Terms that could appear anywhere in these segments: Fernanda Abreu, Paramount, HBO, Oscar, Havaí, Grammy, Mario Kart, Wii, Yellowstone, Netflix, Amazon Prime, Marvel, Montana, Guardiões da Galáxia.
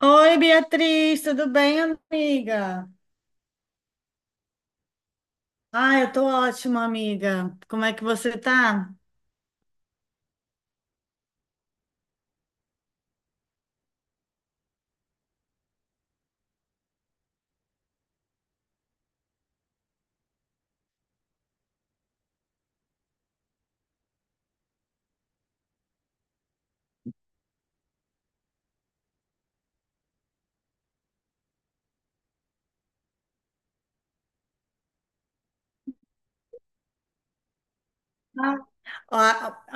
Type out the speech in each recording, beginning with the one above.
Oi, Beatriz, tudo bem, amiga? Ah, eu tô ótima, amiga. Como é que você tá? Ah,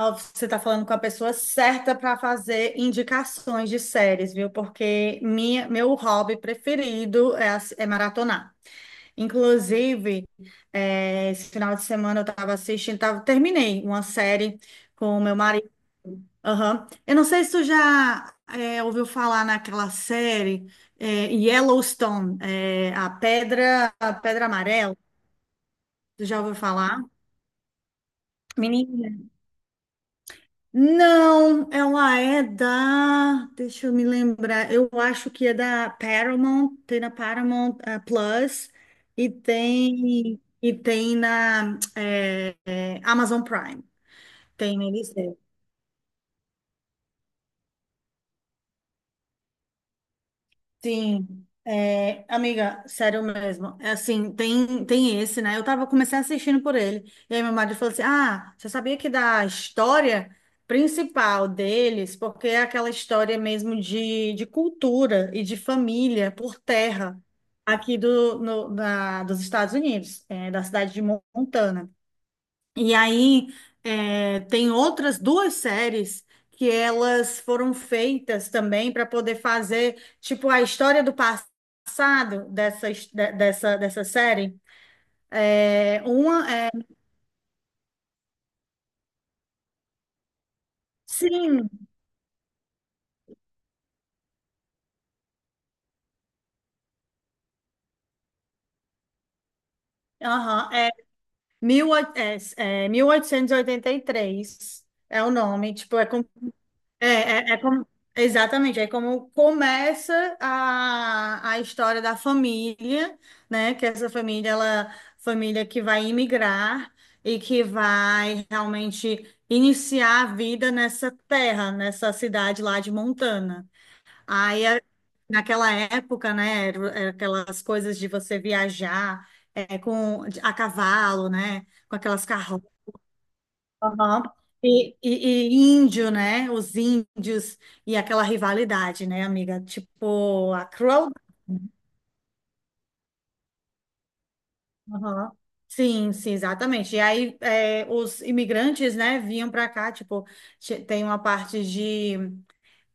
Ó, ó, você tá falando com a pessoa certa para fazer indicações de séries, viu? Porque meu hobby preferido é, é maratonar. Inclusive, esse final de semana eu tava assistindo, tava, terminei uma série com o meu marido. Aham. Eu não sei se tu já ouviu falar naquela série Yellowstone, é, a Pedra Amarela. Tu já ouviu falar? Menina. Não, ela é da. Deixa eu me lembrar. Eu acho que é da Paramount, tem na Paramount Plus e tem na Amazon Prime. Tem neles. Sim, é, amiga, sério mesmo. É assim, tem esse, né? Eu tava, comecei assistindo por ele. E aí meu marido falou assim: Ah, você sabia que da história principal deles, porque é aquela história mesmo de cultura e de família por terra aqui do, no, da, dos Estados Unidos, é, da cidade de Montana. E aí, é, tem outras duas séries que elas foram feitas também para poder fazer, tipo, a história do passado dessa, dessa série. É, uma é, sim, aham, é, é 1883 é o nome, tipo, é como. É, é como, exatamente, é como começa a história da família, né? Que essa família, ela, família que vai imigrar e que vai realmente iniciar a vida nessa terra, nessa cidade lá de Montana. Aí, naquela época, né, era aquelas coisas de você viajar é, com, a cavalo, né? Com aquelas carroças. Aham. E índio, né? Os índios e aquela rivalidade, né, amiga? Tipo, a crueldade. Aham. Sim, exatamente. E aí, é, os imigrantes, né, vinham para cá, tipo, tem uma parte de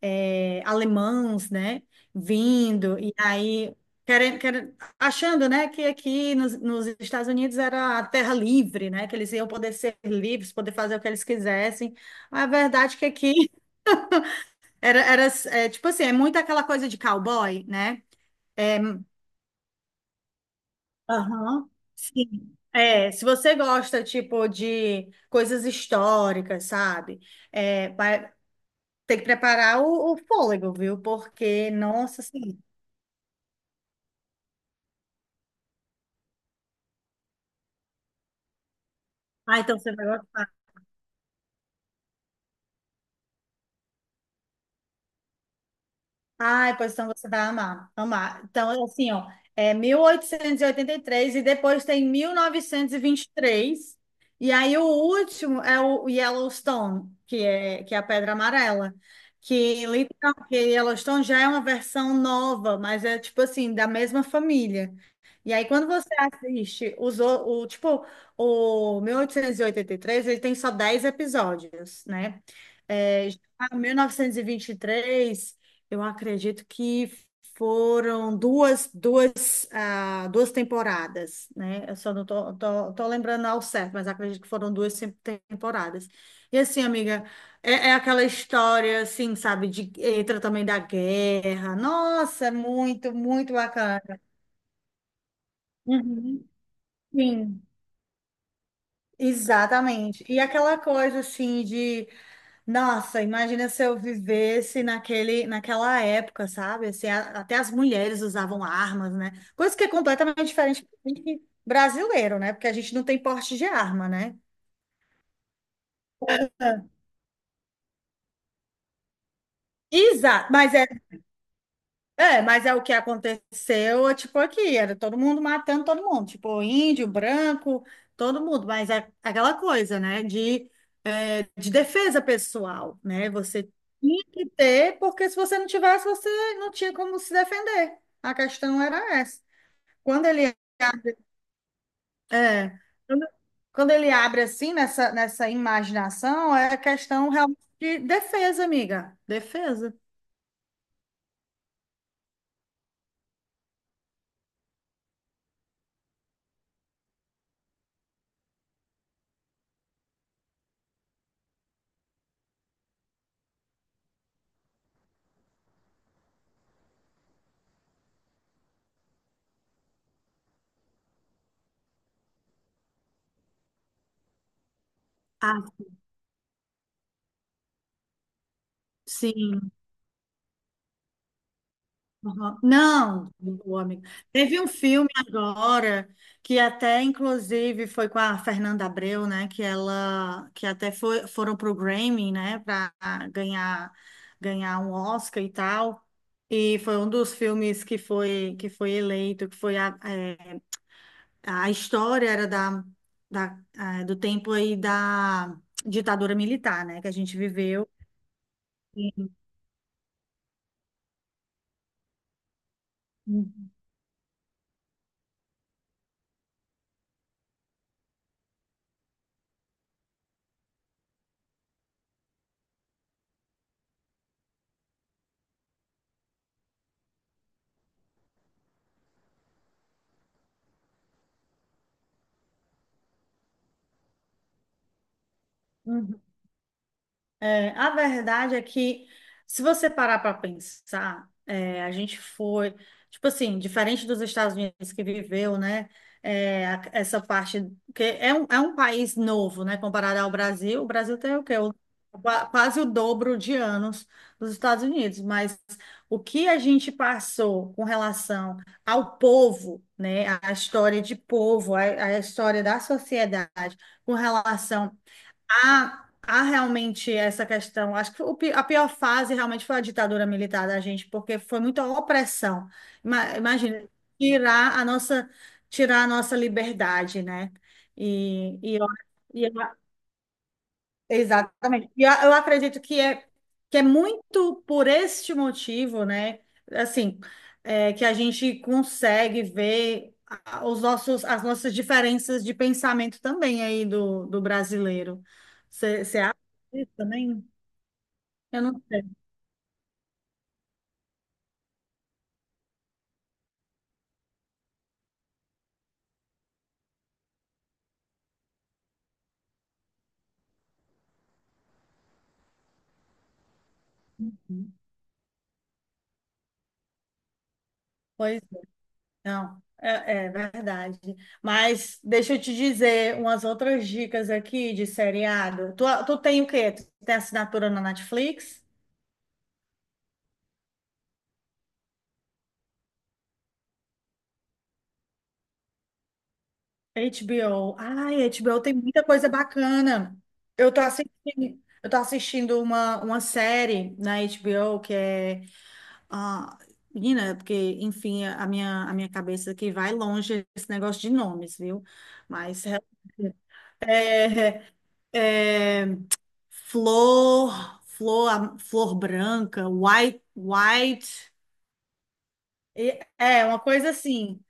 é, alemães, né, vindo, e aí, querendo, querendo, achando, né, que aqui nos Estados Unidos era a terra livre, né, que eles iam poder ser livres, poder fazer o que eles quisessem. A verdade é que aqui era, era é, tipo assim, é muito aquela coisa de cowboy, né? É, aham. Sim. É, se você gosta, tipo, de coisas históricas, sabe? É, vai- tem que preparar o fôlego, viu? Porque, nossa, sim. Ah, então você vai gostar. Ai, pois então você vai amar, amar. Então, assim, ó, é mil oitocentos e oitenta e três e depois tem mil novecentos e vinte e três. E aí o último é o Yellowstone, que é a Pedra Amarela. Que, literal, que Yellowstone já é uma versão nova, mas é, tipo assim, da mesma família. E aí, quando você assiste o, tipo, o mil oitocentos e oitenta e três ele tem só 10 episódios, né? É, já tá 1923, eu acredito que foram duas, ah, duas temporadas, né? Eu só não tô lembrando ao certo, mas acredito que foram duas temporadas. E assim, amiga, é aquela história, assim, sabe, de entra também da guerra. Nossa, é muito, muito bacana. Uhum. Sim, exatamente. E aquela coisa, assim, de nossa, imagina se eu vivesse naquela época, sabe? Assim, até as mulheres usavam armas, né? Coisa que é completamente diferente do brasileiro, né? Porque a gente não tem porte de arma, né? Exato, mas é é, mas é o que aconteceu, é, tipo, aqui, era todo mundo matando todo mundo, tipo, índio, branco, todo mundo, mas é aquela coisa, né, de, é, de defesa pessoal, né, você tinha que ter, porque se você não tivesse, você não tinha como se defender, a questão era essa. Quando ele, é, quando, quando ele abre assim, nessa imaginação, é questão realmente de defesa, amiga, defesa. Ah, sim. Aham. Não, o amigo. Teve um filme agora que até inclusive foi com a Fernanda Abreu, né? Que ela, que até foi, foram pro Grammy, né? Para ganhar, ganhar um Oscar e tal. E foi um dos filmes que foi eleito, que foi a, é, a história era da, da é, do tempo aí da ditadura militar, né? Que a gente viveu. Uhum. É, a verdade é que, se você parar para pensar, é, a gente foi, tipo assim, diferente dos Estados Unidos que viveu, né? É, essa parte, que é um país novo, né? Comparado ao Brasil, o Brasil tem o quê? Quase o dobro de anos dos Estados Unidos, mas o que a gente passou com relação ao povo, né? A história de povo, a história da sociedade, com relação há, há realmente essa questão. Acho que a pior fase realmente foi a ditadura militar da gente, porque foi muita opressão. Imagina, tirar a nossa, tirar a nossa liberdade, né? E, e, eu- e eu exatamente. E eu acredito que é muito por este motivo, né? Assim, é, que a gente consegue ver os nossos, as nossas diferenças de pensamento também aí do brasileiro. Você acha isso também? Eu não sei. Pois é. Não. É, é verdade. Mas deixa eu te dizer umas outras dicas aqui de seriado. Tu tem o quê? Tu tem assinatura na Netflix? HBO. Ai, HBO tem muita coisa bacana. Eu tô assistindo uma série na HBO que é. Ah, menina, porque, enfim, a minha cabeça aqui vai longe esse negócio de nomes, viu? Mas é, Flor Branca, White. É, uma coisa assim.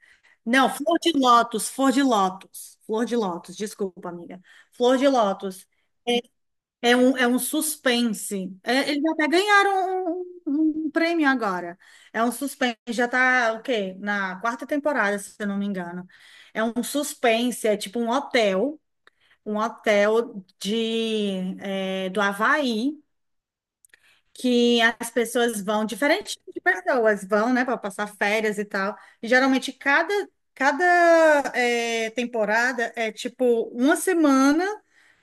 Não, Flor de Lótus, desculpa, amiga. Flor de Lótus. É um suspense. É, eles até ganharam um, um prêmio agora. É um suspense. Já tá, o quê? Na quarta temporada, se eu não me engano. É um suspense, é tipo um hotel de, é, do Havaí que as pessoas vão, diferente de pessoas vão, né, para passar férias e tal. E geralmente cada é, temporada é tipo uma semana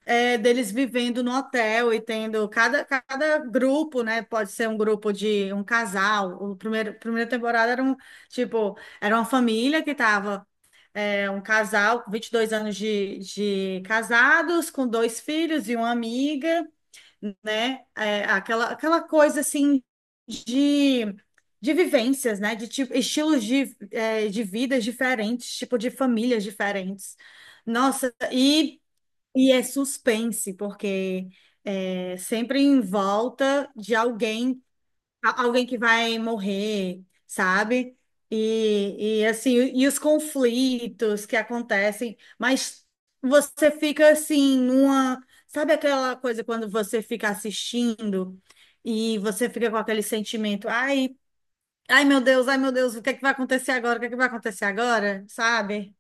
é, deles vivendo no hotel e tendo cada grupo, né? Pode ser um grupo de um casal. Primeira temporada era um tipo, era uma família que tava. É, um casal, 22 anos de casados, com dois filhos e uma amiga, né? É, aquela coisa assim de, de vivências, né? De tipo, estilos de, é, de vidas diferentes, tipo de famílias diferentes. Nossa, e é suspense, porque é sempre em volta de alguém alguém que vai morrer, sabe? E assim, e os conflitos que acontecem, mas você fica assim numa, sabe aquela coisa quando você fica assistindo e você fica com aquele sentimento, ai, ai meu Deus, o que é que vai acontecer agora? O que é que vai acontecer agora? Sabe?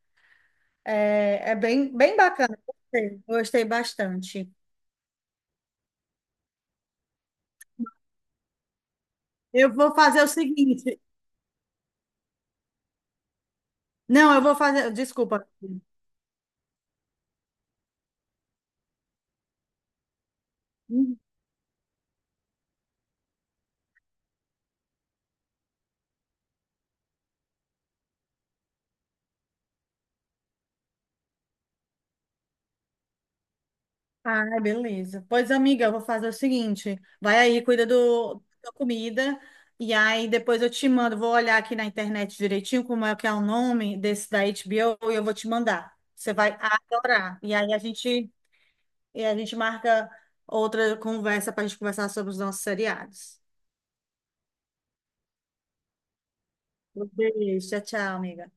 É, é bem, bem bacana. Gostei, gostei bastante. Eu vou fazer o seguinte. Não, eu vou fazer. Desculpa. Ah, beleza. Pois, amiga, eu vou fazer o seguinte: vai aí, cuida do, da comida, e aí depois eu te mando. Vou olhar aqui na internet direitinho como é que é o nome desse da HBO e eu vou te mandar. Você vai adorar. E aí a gente, e a gente marca outra conversa para a gente conversar sobre os nossos seriados. Um beijo, tchau, tchau, amiga.